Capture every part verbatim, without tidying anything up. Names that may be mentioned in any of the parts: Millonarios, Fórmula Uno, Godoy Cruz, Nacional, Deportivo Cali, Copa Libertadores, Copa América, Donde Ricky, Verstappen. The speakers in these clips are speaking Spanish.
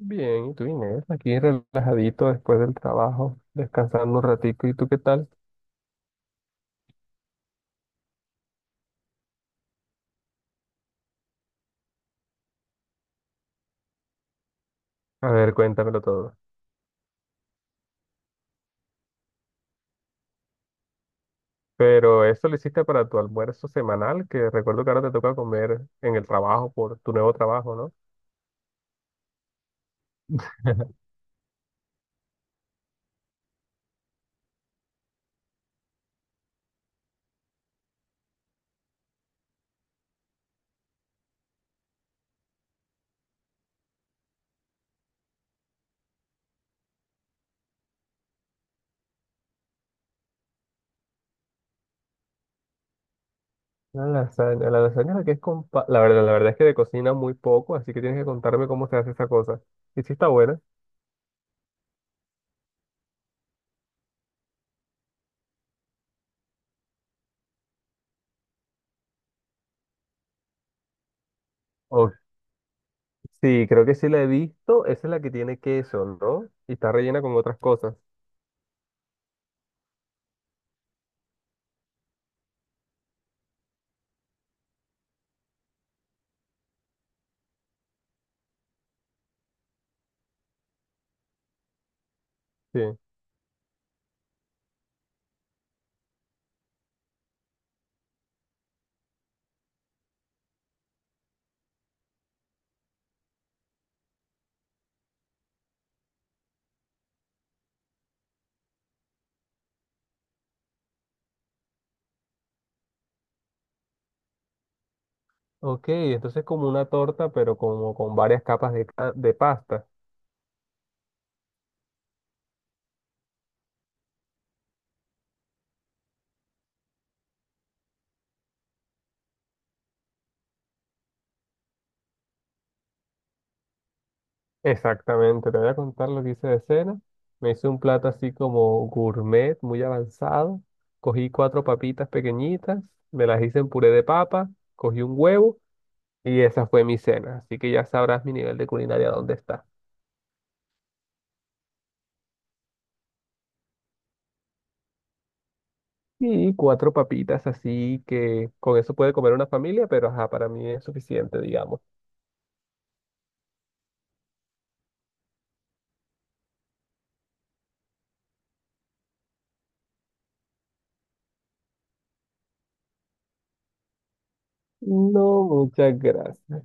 Bien, ¿y tú, Inés? Aquí relajadito después del trabajo, descansando un ratico. ¿Y tú qué tal? A ver, cuéntamelo todo. Pero eso lo hiciste para tu almuerzo semanal, que recuerdo que ahora te toca comer en el trabajo por tu nuevo trabajo, ¿no? La lasaña, la lasaña es la que es con pa- La verdad, la verdad es que de cocina muy poco, así que tienes que contarme cómo se hace esa cosa. ¿Y si está buena? Ok. Sí, creo que sí la he visto. Esa es la que tiene queso, ¿no? Y está rellena con otras cosas. Sí. Ok, entonces como una torta, pero como con varias capas de, ca- de pasta. Exactamente, te voy a contar lo que hice de cena. Me hice un plato así como gourmet, muy avanzado. Cogí cuatro papitas pequeñitas, me las hice en puré de papa, cogí un huevo y esa fue mi cena. Así que ya sabrás mi nivel de culinaria dónde está. Y cuatro papitas, así que con eso puede comer una familia, pero ajá, para mí es suficiente, digamos. No, muchas gracias.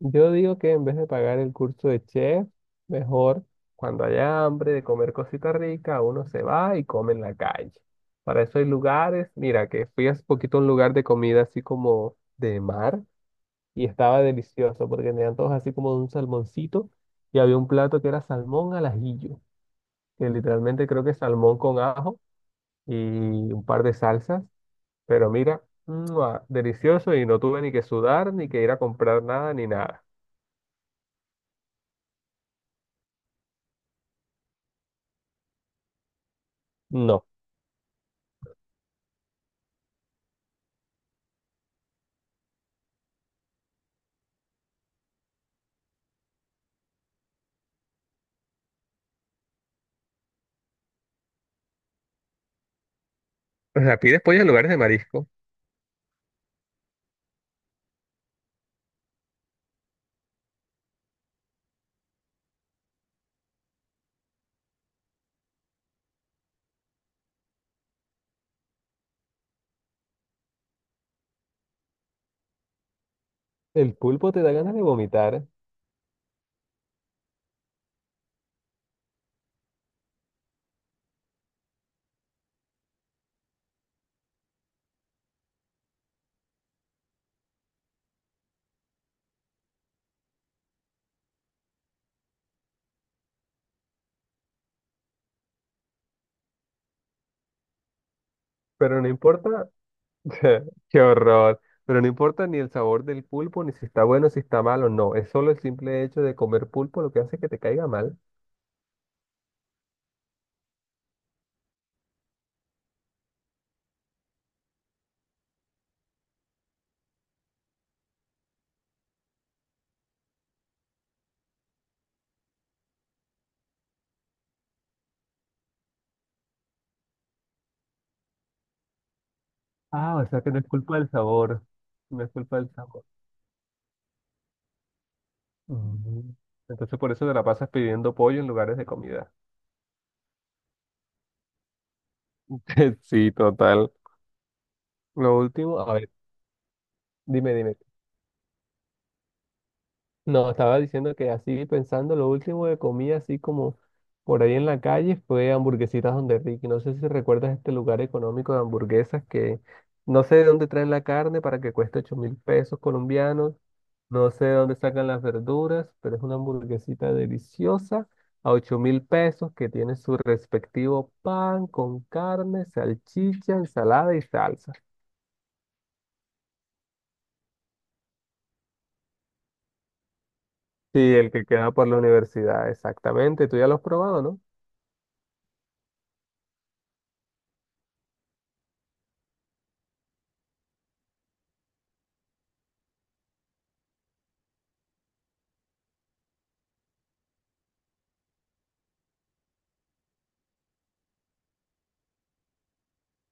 Yo digo que en vez de pagar el curso de chef, mejor cuando haya hambre de comer cosita rica, uno se va y come en la calle. Para eso hay lugares, mira, que fui hace poquito a un lugar de comida así como de mar y estaba delicioso porque tenían todos así como un salmoncito y había un plato que era salmón al ajillo, que literalmente creo que es salmón con ajo y un par de salsas, pero mira, ¡mua! Delicioso, y no tuve ni que sudar, ni que ir a comprar nada, ni nada. No. O sea, pides pollo en lugares de marisco. El pulpo te da ganas de vomitar, pero no importa. Qué horror, pero no importa ni el sabor del pulpo, ni si está bueno, si está malo, no, es solo el simple hecho de comer pulpo lo que hace que te caiga mal. Ah, o sea que no es culpa del sabor, no es culpa del sabor. Mm. Entonces por eso te la pasas pidiendo pollo en lugares de comida. Sí, total. Lo último, a ver, dime, dime. No, estaba diciendo que así pensando, lo último que comí así como por ahí en la calle fue hamburguesitas Donde Ricky. No sé si recuerdas este lugar económico de hamburguesas, que no sé de dónde traen la carne para que cueste ocho mil pesos colombianos. No sé de dónde sacan las verduras, pero es una hamburguesita deliciosa a ocho mil pesos, que tiene su respectivo pan con carne, salchicha, ensalada y salsa. Sí, el que queda por la universidad, exactamente. Tú ya lo has probado, ¿no?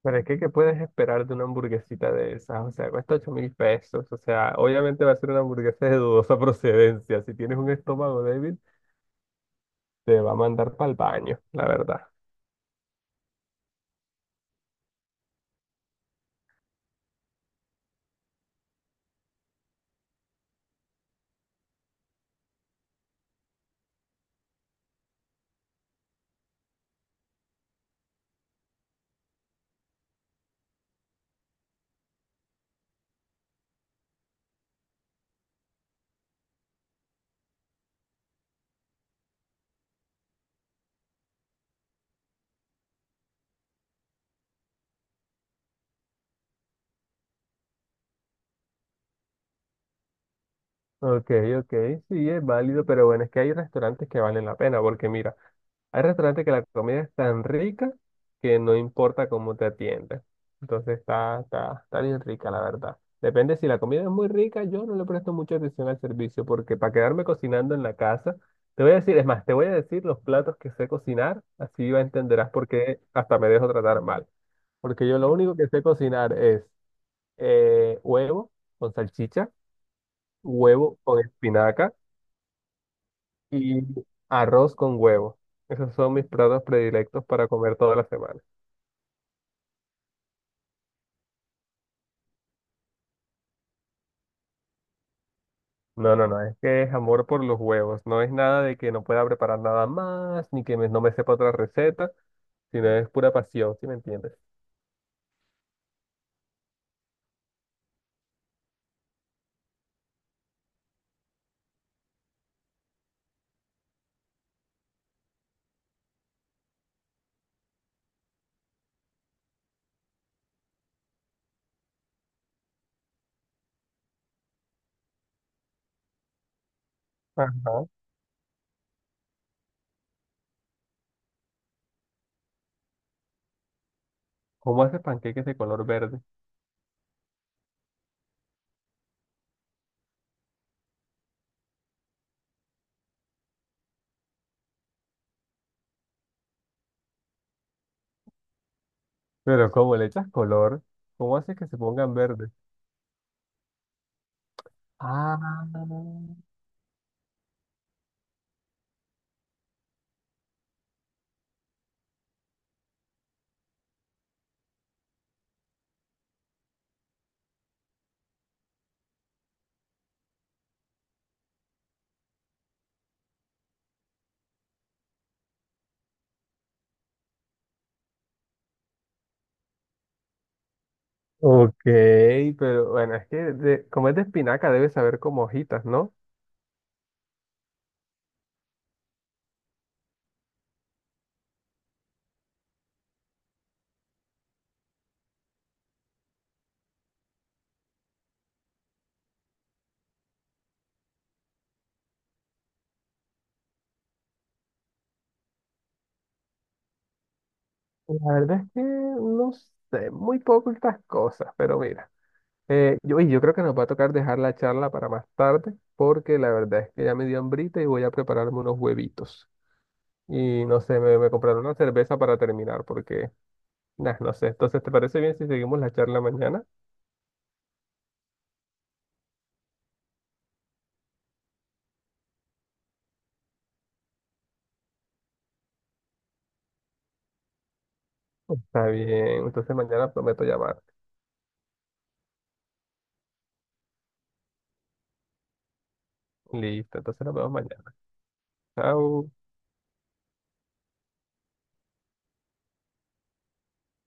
Pero es que, ¿qué puedes esperar de una hamburguesita de esas? O sea, cuesta ocho mil pesos. O sea, obviamente va a ser una hamburguesa de dudosa procedencia. Si tienes un estómago débil, te va a mandar para el baño, la verdad. Ok, ok, sí, es válido, pero bueno, es que hay restaurantes que valen la pena, porque mira, hay restaurantes que la comida es tan rica que no importa cómo te atiendan. Entonces está, está, está bien rica, la verdad. Depende. Si la comida es muy rica, yo no le presto mucha atención al servicio, porque para quedarme cocinando en la casa, te voy a decir, es más, te voy a decir los platos que sé cocinar, así va- entenderás por qué hasta me dejo tratar mal. Porque yo lo único que sé cocinar es eh, huevo con salchicha, huevo con espinaca y arroz con huevo. Esos son mis platos predilectos para comer toda la semana. No, no, no, es que es amor por los huevos. No es nada de que no pueda preparar nada más, ni que me- no me sepa otra receta, sino es pura pasión, ¿si me entiendes? Ajá. ¿Cómo haces panqueques de color verde? Pero ¿cómo le echas color? ¿Cómo haces que se pongan verdes? Ah, ok, pero bueno, es que de- como es de espinaca debe saber como hojitas, ¿no? La verdad es que no sé muy poco estas cosas, pero mira, eh, yo, y yo creo que nos va a tocar dejar la charla para más tarde, porque la verdad es que ya me dio hambrita y voy a prepararme unos huevitos. Y no sé, me, me compraron una cerveza para terminar, porque, nah, no sé. Entonces, ¿te parece bien si seguimos la charla mañana? Está bien, entonces mañana prometo llamar. Listo, entonces nos vemos mañana. Chao.